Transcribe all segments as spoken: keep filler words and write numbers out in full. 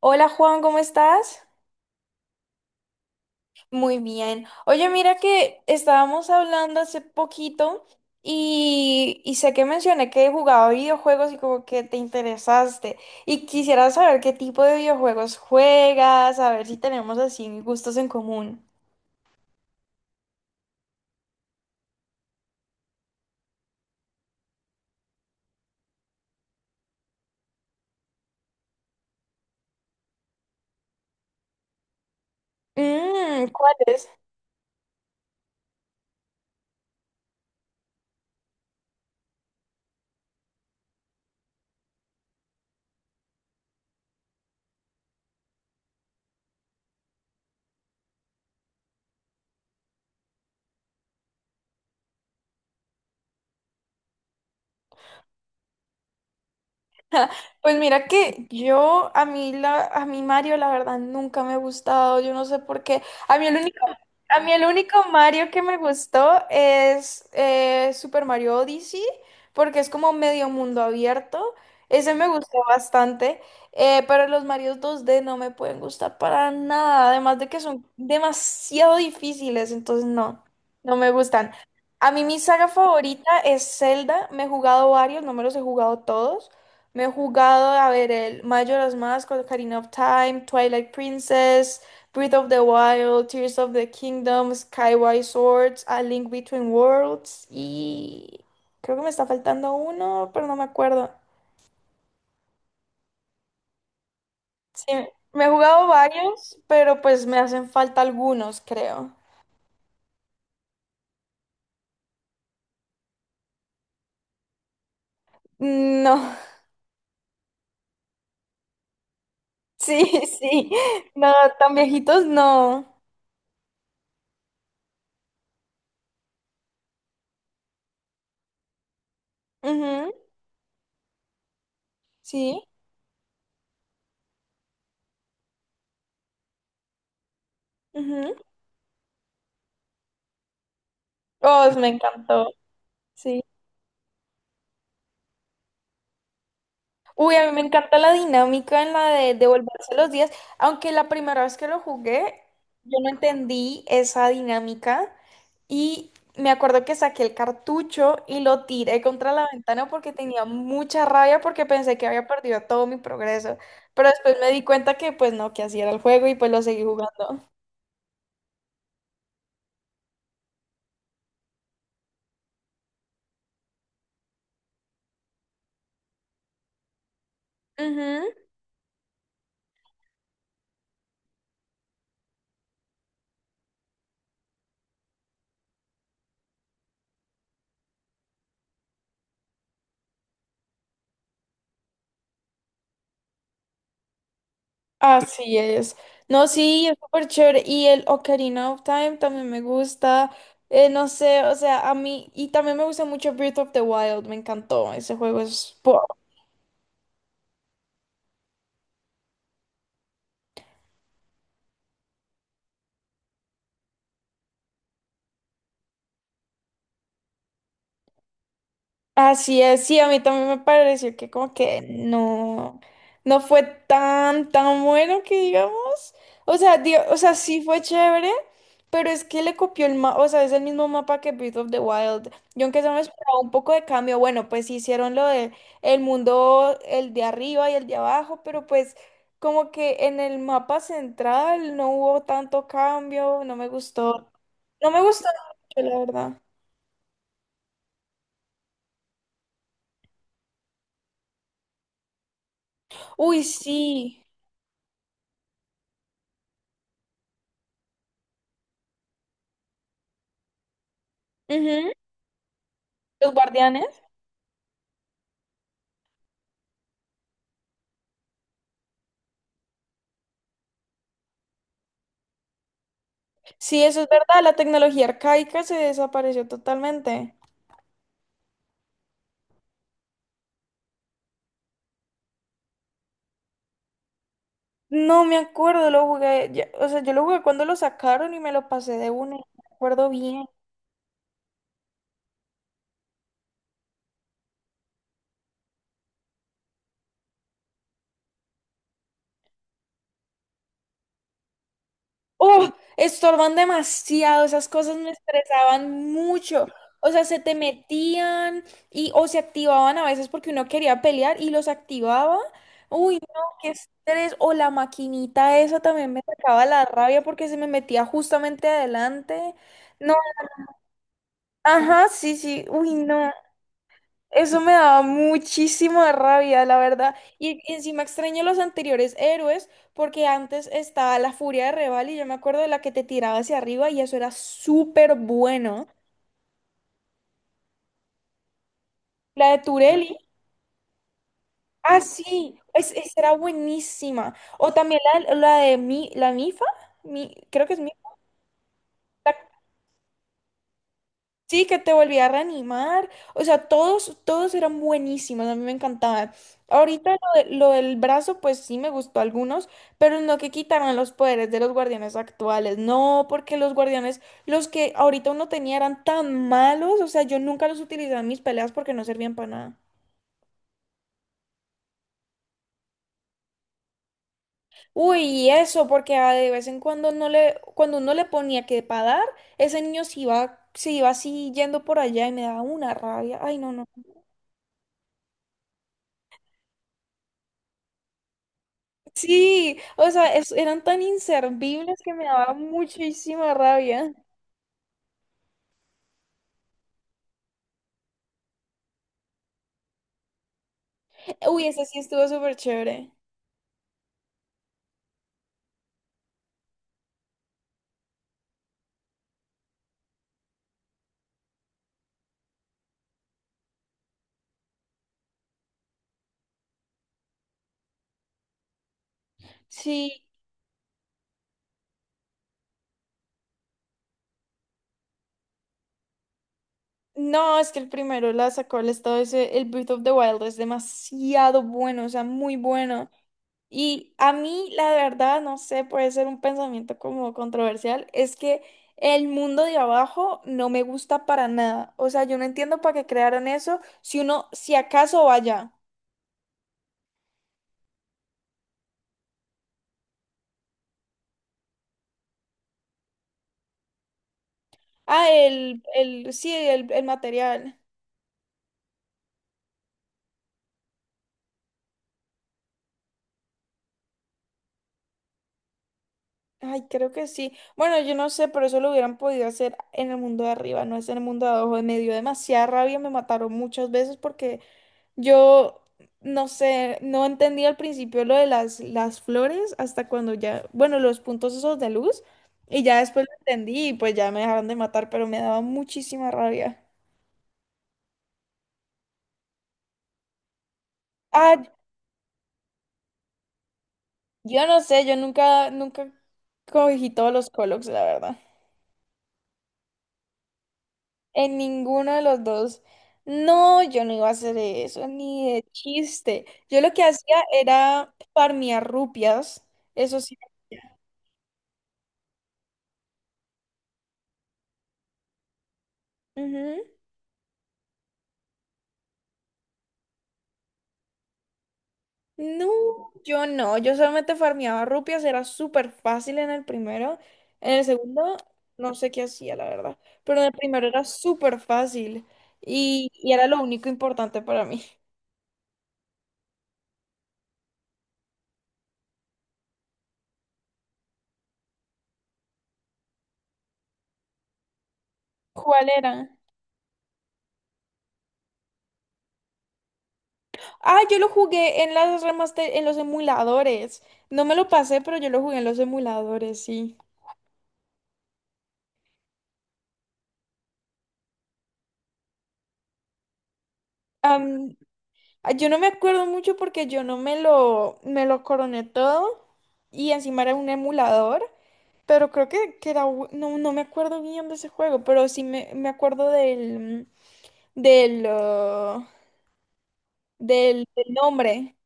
Hola Juan, ¿cómo estás? Muy bien. Oye, mira que estábamos hablando hace poquito y, y sé que mencioné que jugaba videojuegos y como que te interesaste. Y quisiera saber qué tipo de videojuegos juegas, a ver si tenemos así gustos en común. Mm, ¿cuáles? Pues mira que yo, a mí, la, a mí Mario, la verdad, nunca me ha gustado, yo no sé por qué. A mí el único, a mí el único Mario que me gustó es eh, Super Mario Odyssey, porque es como medio mundo abierto. Ese me gustó bastante, eh, pero los Marios dos D no me pueden gustar para nada, además de que son demasiado difíciles, entonces no, no me gustan. A mí mi saga favorita es Zelda, me he jugado varios, no me los he jugado todos. Me he jugado a ver el Majora's Mask, Ocarina of Time, Twilight Princess, Breath of the Wild, Tears of the Kingdom, Skyward Swords, A Link Between Worlds y creo que me está faltando uno, pero no me acuerdo. Sí, me he jugado varios, pero pues me hacen falta algunos, creo. No, sí, sí, no, tan viejitos no. Ujú. Sí, ujú. Oh, me encantó, sí. Uy, a mí me encanta la dinámica en la de devolverse los días, aunque la primera vez que lo jugué, yo no entendí esa dinámica y me acuerdo que saqué el cartucho y lo tiré contra la ventana porque tenía mucha rabia porque pensé que había perdido todo mi progreso, pero después me di cuenta que pues no, que así era el juego y pues lo seguí jugando. Ujú. Así es. No, sí, es súper chévere. Y el Ocarina of Time también me gusta. Eh, no sé, o sea, a mí. Y también me gusta mucho Breath of the Wild. Me encantó. Ese juego es. Así es, sí, a mí también me pareció que como que no, no fue tan, tan bueno que digamos. O sea, di- o sea, sí fue chévere, pero es que le copió el mapa, o sea, es el mismo mapa que Breath of the Wild. Yo aunque se me esperaba un poco de cambio, bueno, pues sí hicieron lo de el mundo, el de arriba y el de abajo, pero pues como que en el mapa central no hubo tanto cambio, no me gustó. No me gustó mucho, la verdad. Uy, sí. Los guardianes. Sí, eso es verdad, la tecnología arcaica se desapareció totalmente. No me acuerdo, lo jugué, ya- o sea, yo lo jugué cuando lo sacaron y me lo pasé de una, y no me acuerdo bien. ¡Oh! Estorban demasiado, esas cosas me estresaban mucho. O sea, se te metían y o se activaban a veces porque uno quería pelear y los activaba. Uy, no, qué estrés. O la maquinita esa también me sacaba la rabia porque se me metía justamente adelante. No, ajá, sí, sí, uy, no, eso me daba muchísima rabia, la verdad. Y, y encima extraño los anteriores héroes, porque antes estaba la furia de Reval y yo me acuerdo de la que te tiraba hacia arriba y eso era súper bueno. La de Turelli, ah, sí, es, esa era buenísima. O también la, la de Mi, la Mifa, Mi, creo que es Mifa. Sí, que te volví a reanimar. O sea, todos, todos eran buenísimos, a mí me encantaba. Ahorita lo, de- lo del brazo, pues sí me gustó algunos, pero no que quitaran los poderes de los guardianes actuales. No, porque los guardianes, los que ahorita uno tenía eran tan malos. O sea, yo nunca los utilizaba en mis peleas porque no servían para nada. Uy, y eso, porque ah, de vez en cuando no le, cuando uno le ponía que para dar, ese niño se iba, se iba así yendo por allá y me daba una rabia. Ay, no, no. Sí, o sea, es- eran tan inservibles que me daba muchísima rabia. Uy, ese sí estuvo súper chévere. Sí, no, es que el primero la sacó el estado ese, el Breath of the Wild es demasiado bueno, o sea, muy bueno. Y a mí, la verdad, no sé, puede ser un pensamiento como controversial, es que el mundo de abajo no me gusta para nada. O sea, yo no entiendo para qué crearon eso, si uno, si acaso vaya. Ah, el, el, sí, el, el material. Ay, creo que sí. Bueno, yo no sé, pero eso lo hubieran podido hacer en el mundo de arriba, no es en el mundo de abajo. Me dio demasiada rabia, me mataron muchas veces porque yo, no sé, no entendía al principio lo de las, las flores hasta cuando ya, bueno, los puntos esos de luz, y ya después lo entendí y pues ya me dejaron de matar, pero me daba muchísima rabia. Ah, yo no sé, yo nunca, nunca cogí todos los Colox, la verdad. En ninguno de los dos. No, yo no iba a hacer eso, ni de chiste. Yo lo que hacía era farmear rupias. Eso sí. Ujú. No, yo no. Yo solamente farmeaba rupias. Era súper fácil en el primero. En el segundo, no sé qué hacía, la verdad. Pero en el primero era súper fácil. Y, y era lo único importante para mí. ¿Cuál era? Ah, yo lo jugué en las remaster, en los emuladores. No me lo pasé, pero yo lo jugué en los emuladores, sí. Am, ah, yo no me acuerdo mucho porque yo no me lo, me lo coroné todo y encima era un emulador, pero creo que, que era, u- no, no me acuerdo bien de ese juego, pero sí me, me acuerdo del, del, ah, del, del nombre.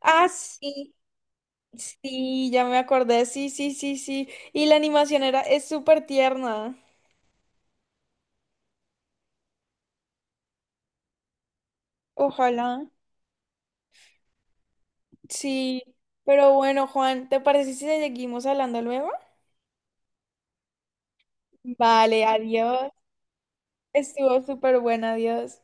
Ah, sí, sí, ya me acordé, sí, sí, sí, sí. Y la animación era, es súper tierna. Ojalá. Sí, pero bueno, Juan, ¿te parece si seguimos hablando luego? Vale, adiós. Estuvo súper buena, adiós.